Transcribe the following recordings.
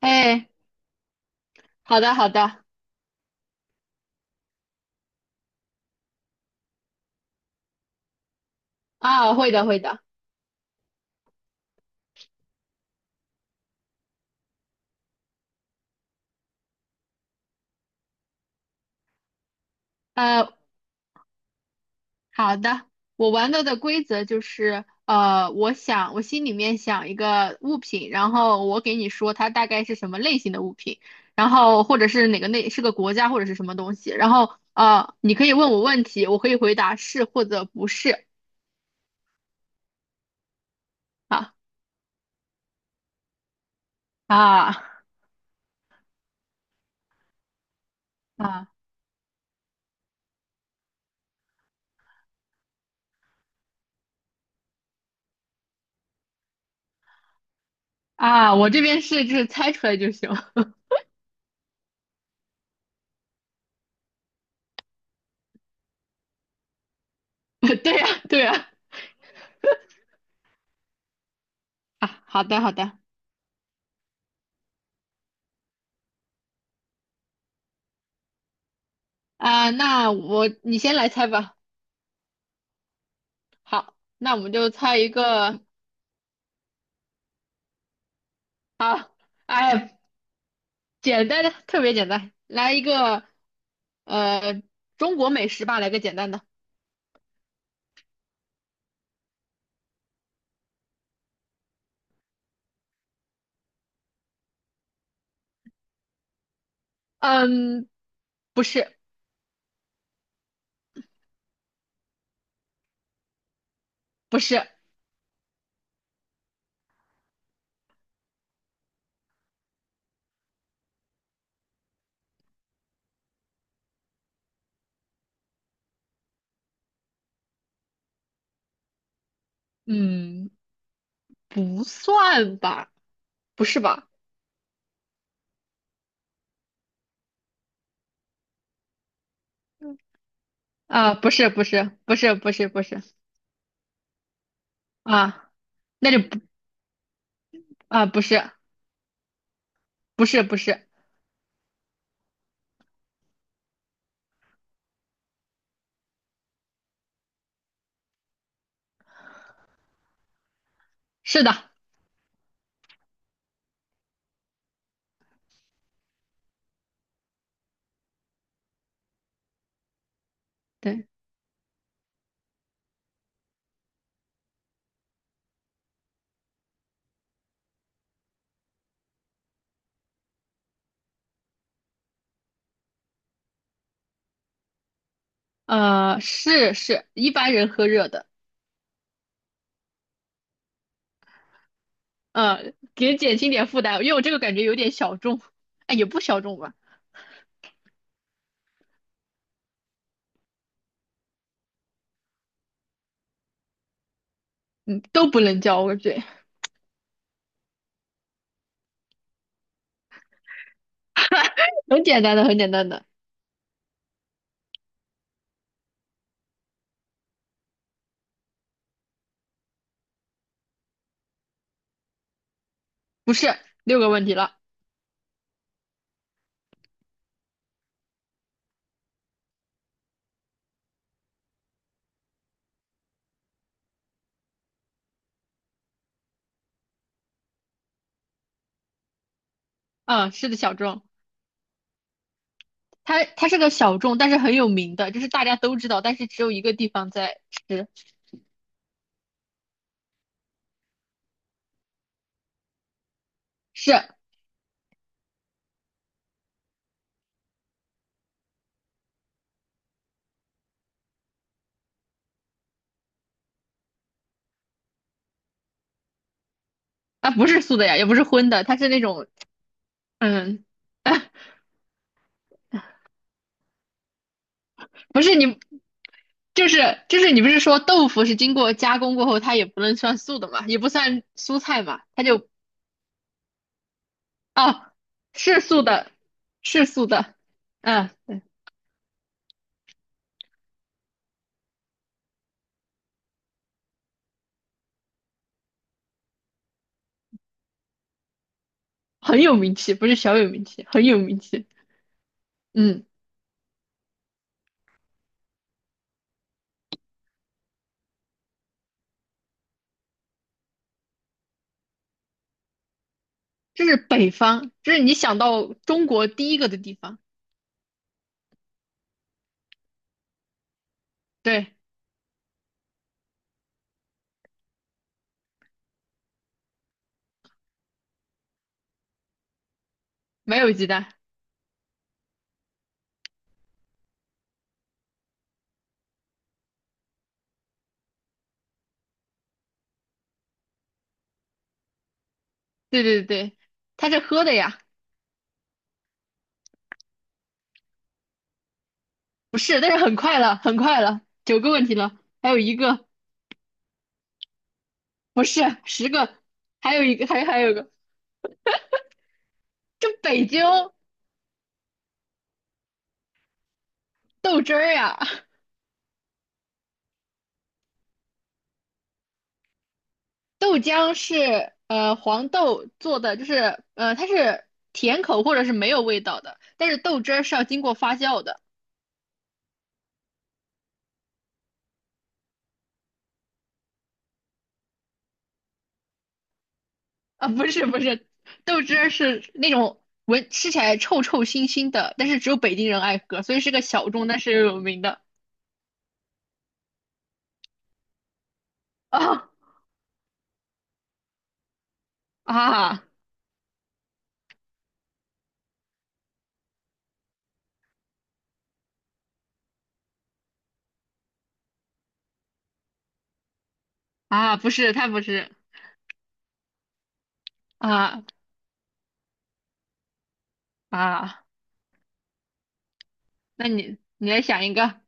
哎，好的好的。啊，会的会的。呃，好的。我玩到的规则就是，我想我心里面想一个物品，然后我给你说它大概是什么类型的物品，然后或者是哪个类是个国家或者是什么东西，然后啊，你可以问我问题，我可以回答是或者不是。啊啊啊啊，我这边是就是猜出来就行。对呀对呀。啊，好的好的。啊，那你先来猜吧。好，那我们就猜一个。好，哎，简单的，特别简单，来一个，呃，中国美食吧，来个简单的。嗯，不是，不是。嗯，不算吧，不是吧？啊，不是，不是，不是，不是，不是。啊，那就不。啊，不是，不是，不是。是的。对，是是，一般人喝热的，给减轻点负担，因为我这个感觉有点小众。哎，也不小众吧。嗯，都不能叫我嘴。很简单的，很简单的。不是，六个问题了。嗯，是的，小众。它是个小众，但是很有名的，就是大家都知道，但是只有一个地方在吃。是。它不是素的呀，也不是荤的，它是那种，嗯，不是你，就是你不是说豆腐是经过加工过后，它也不能算素的嘛，也不算蔬菜嘛，它就。啊，是素的，是素的。嗯，对。很有名气，不是小有名气，很有名气。嗯。这是北方，这是你想到中国第一个的地方。对。没有鸡蛋。对对对。它是喝的呀。不是，但是很快了，很快了，九个问题了，还有一个。不是，十个，还有一个，还有一个。这北京豆汁儿呀。豆浆是黄豆做的，就是它是甜口或者是没有味道的，但是豆汁儿是要经过发酵的。啊，不是不是，豆汁儿是那种闻吃起来臭臭腥腥的，但是只有北京人爱喝，所以是个小众但是又有名的。啊啊啊！不是，太不是。啊啊！那你来想一个。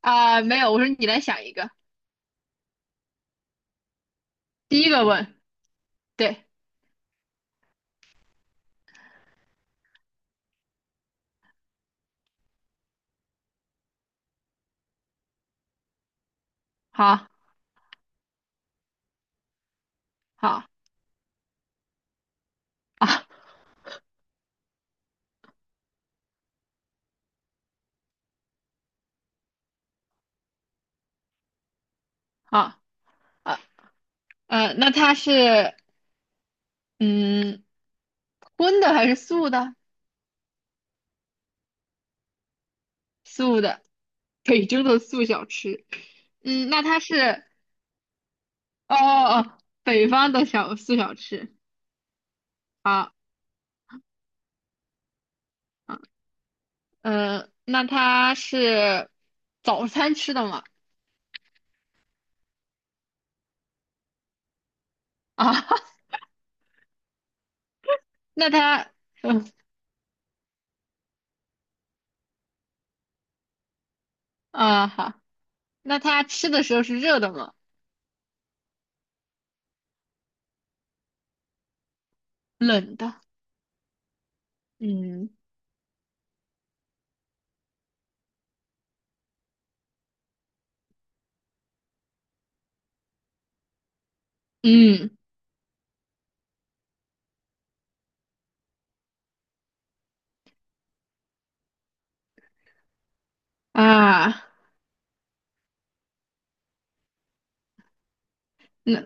啊？没有，我说你来想一个。第一个问。对。好，好啊好啊。那它是嗯荤的还是素的？素的，北京的素小吃。嗯，那它是。哦哦哦，北方的小四小吃。好，嗯。呃，那它是早餐吃的吗？啊，那它，嗯好，那它吃的时候是热的吗？冷的。嗯嗯。啊，那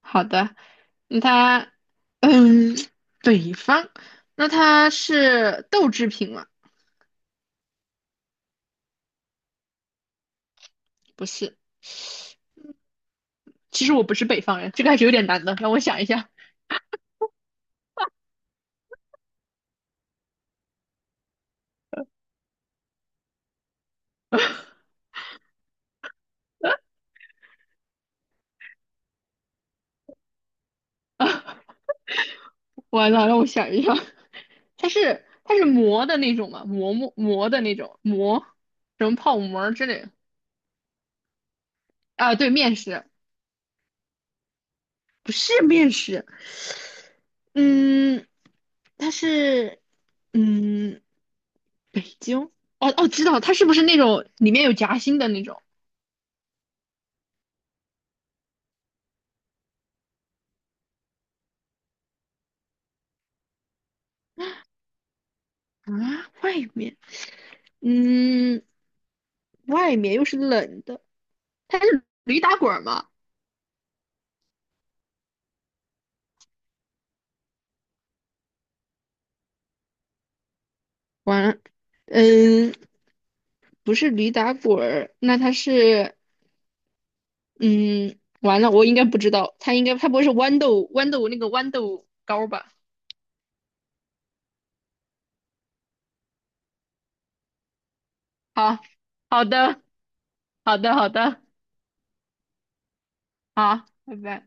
好的，那它，嗯，北方，那它是豆制品吗？不是，其实我不是北方人，这个还是有点难的，让我想一下。完了，让我想一下。它是馍的那种嘛？馍的那种馍，什么泡馍儿之类的。啊？对，面食。不是面食。嗯，它是嗯北京。哦哦，知道它是不是那种里面有夹心的那种。啊？外面。嗯，外面又是冷的，它是驴打滚儿吗？完了。嗯，不是驴打滚儿。那它是嗯，完了，我应该不知道，它应该它不会是豌豆那个豌豆糕吧？好，好的，好的，好的。好，拜拜。